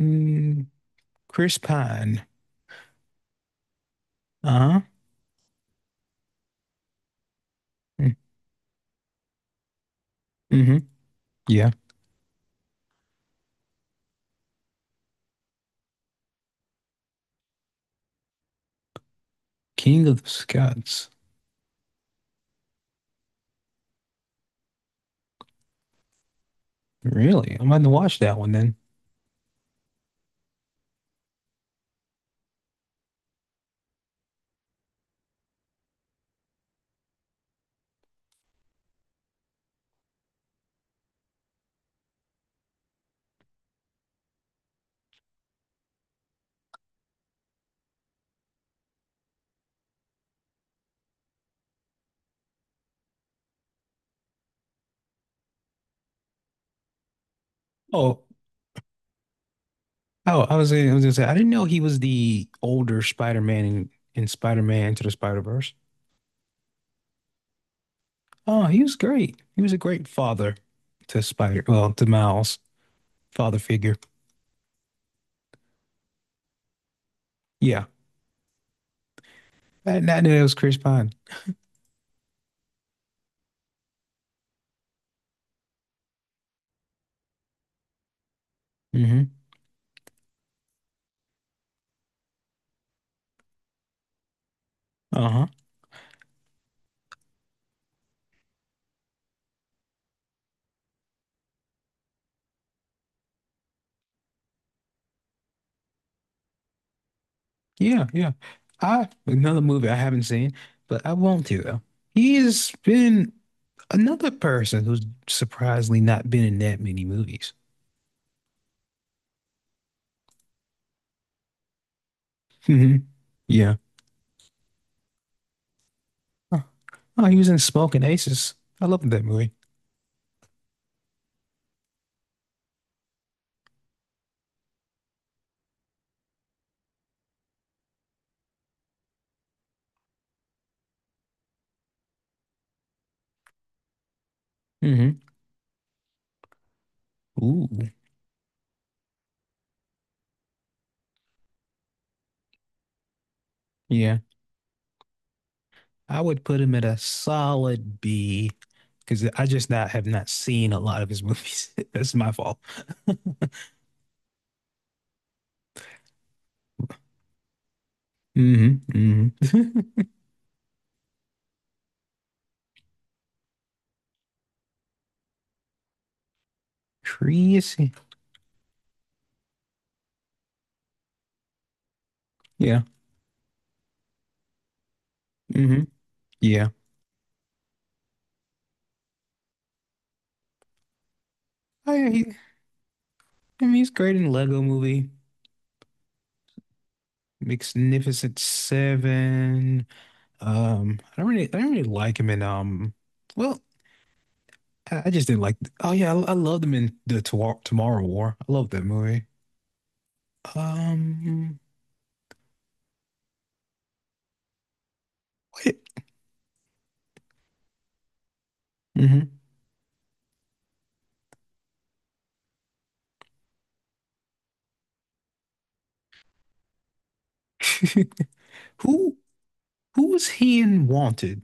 Mm, Chris Pine. Uh-huh. Mm, Mm-hmm. Yeah. King of the Scots. Really? I'm going to watch that one then. Oh, oh, I was gonna say I didn't know he was the older Spider-Man in Spider-Man Into the Spider-Verse. Oh, he was great. He was a great father to Spider, well, to Miles, father figure. Yeah. I knew it was Chris Pine. Hmm. Uh-huh. Yeah. I, another movie I haven't seen, but I want to though. He has been— another person who's surprisingly not been in that many movies. Hmm. Yeah. Oh, oh, he was in Smoking Aces. I love that movie. Hmm. Ooh. Yeah. I would put him at a solid B because I just not have not seen a lot of his movies. That's my fault. Hmm. Hmm. Crazy. Yeah. Hmm. Yeah. Oh, yeah, he, I mean, he's great in Lego Movie, Magnificent Seven. I don't really like him in Well, I just didn't like. Oh yeah, I love them in the Tomorrow War. I love that movie. Um, what? Hmm. Who who was he in Wanted?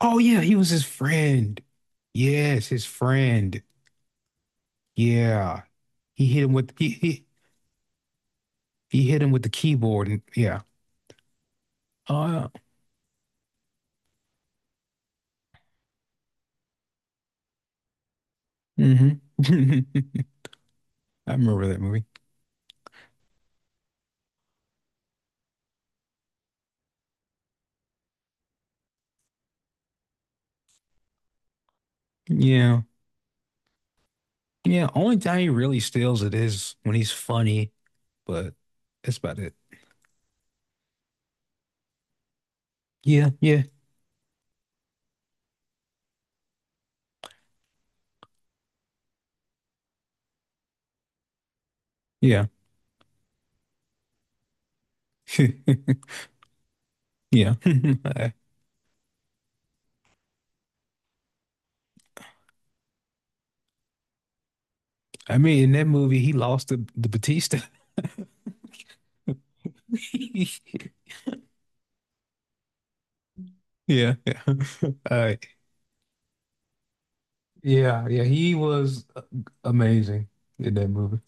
Oh yeah, he was his friend. Yes, his friend. Yeah, he hit him with he hit him with the keyboard and yeah. Oh yeah. Hmm. I remember that movie. Yeah, yeah. Only time he really steals it is when he's funny, but that's about it. Yeah, yeah, yeah. Yeah. I mean, in that movie, he lost the Batista. Yeah. Yeah. All right. Yeah. Yeah. He was amazing in that movie.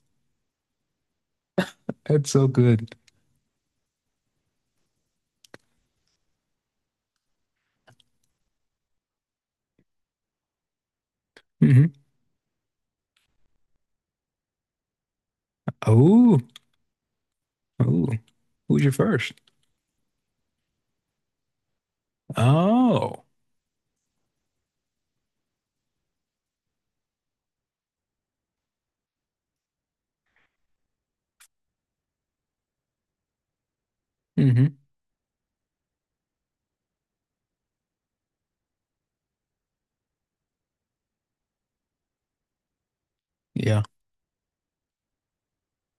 That's so good. Hmm. Oh. Oh. Who's your first? Oh. Hmm. Yeah.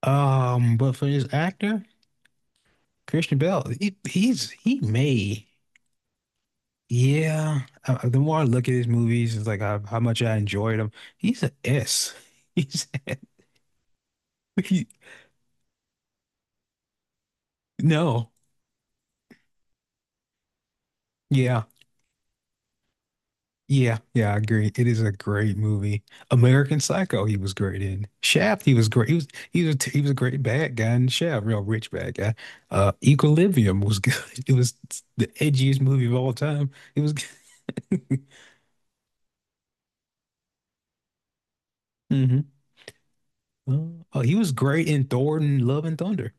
But for this actor, Christian Bale, he may. Yeah. The more I look at his movies, it's like how much I enjoyed him. He's an S. He's he, No. Yeah. Yeah. Yeah. I agree. It is a great movie. American Psycho, he was great in. Shaft, he was great. He was a great bad guy in Shaft, real rich bad guy. Equilibrium was good. It was the edgiest movie of all time. It was hmm. Oh, he was great in Thor and Love and Thunder.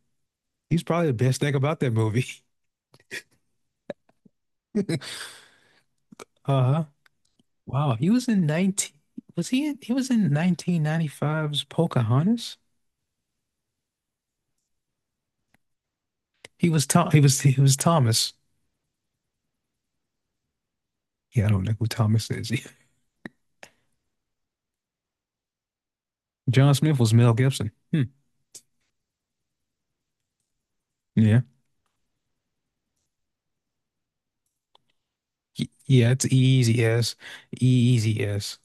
He's probably the best thing about that movie. Uh-huh. Wow. He was in 19 was he in, he was in 1995's Pocahontas? He was Tom he was Thomas. Yeah, I don't know who Thomas is. John Smith was Mel Gibson. Hmm. Yeah. Yeah, it's easy as. Easy as.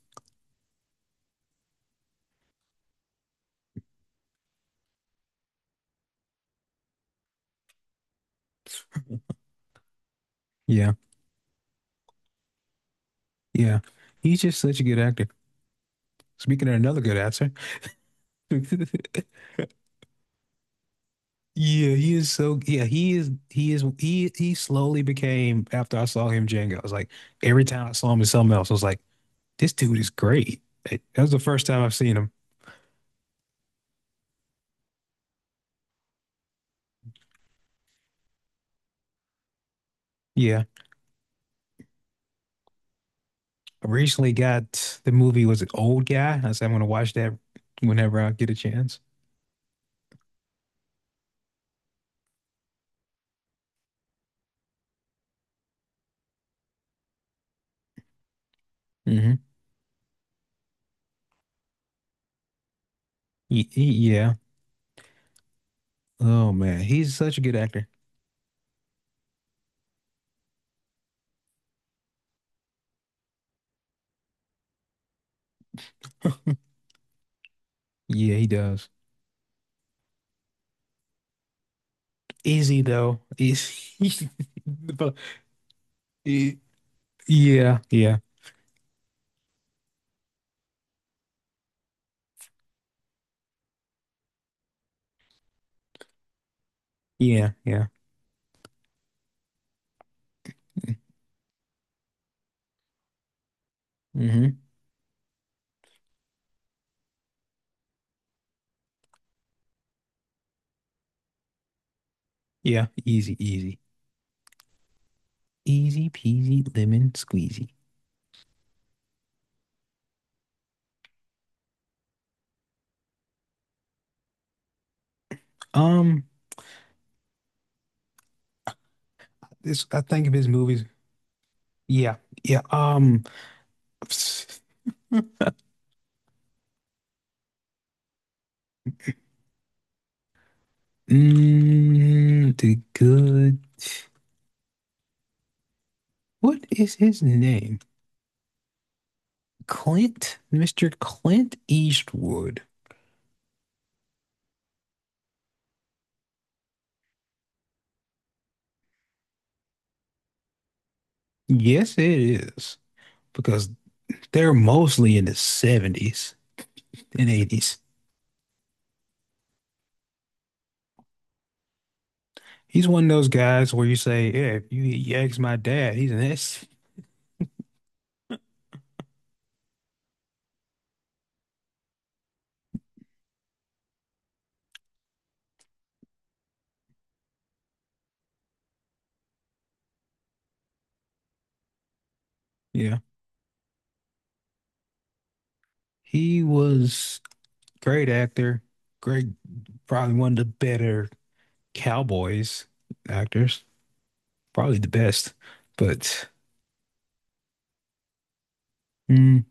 Yeah. Yeah. He's just such a good actor. Speaking of another good actor. Yeah, he is, so yeah, he is he is he slowly became, after I saw him Django, I was like every time I saw him in something else, I was like, this dude is great. Like, that was the first time I've seen him. Yeah. I recently got the movie— was an Old Guy? I said I'm gonna watch that whenever I get a chance. Hmm. Yeah. Oh man, he's such a good actor. Yeah, he does. Is he though? Is he? but- he- Yeah, yeah, yeah. Hmm. Yeah, easy peasy lemon squeezy. Um, this I think of his movies. Yeah, yeah. Mm, the good. What is his name? Mr. Clint Eastwood. Yes, it is because they're mostly in the 70s and 80s. He's one of those guys where you say, yeah, if you ask my dad, he's an S. Yeah. He was great actor, great, probably one of the better Cowboys actors, probably the best. But mm,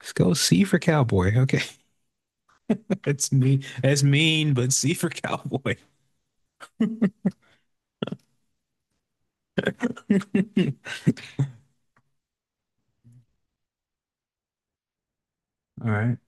let's go C for Cowboy. Okay. That's me. That's mean, but C for Cowboy. All right.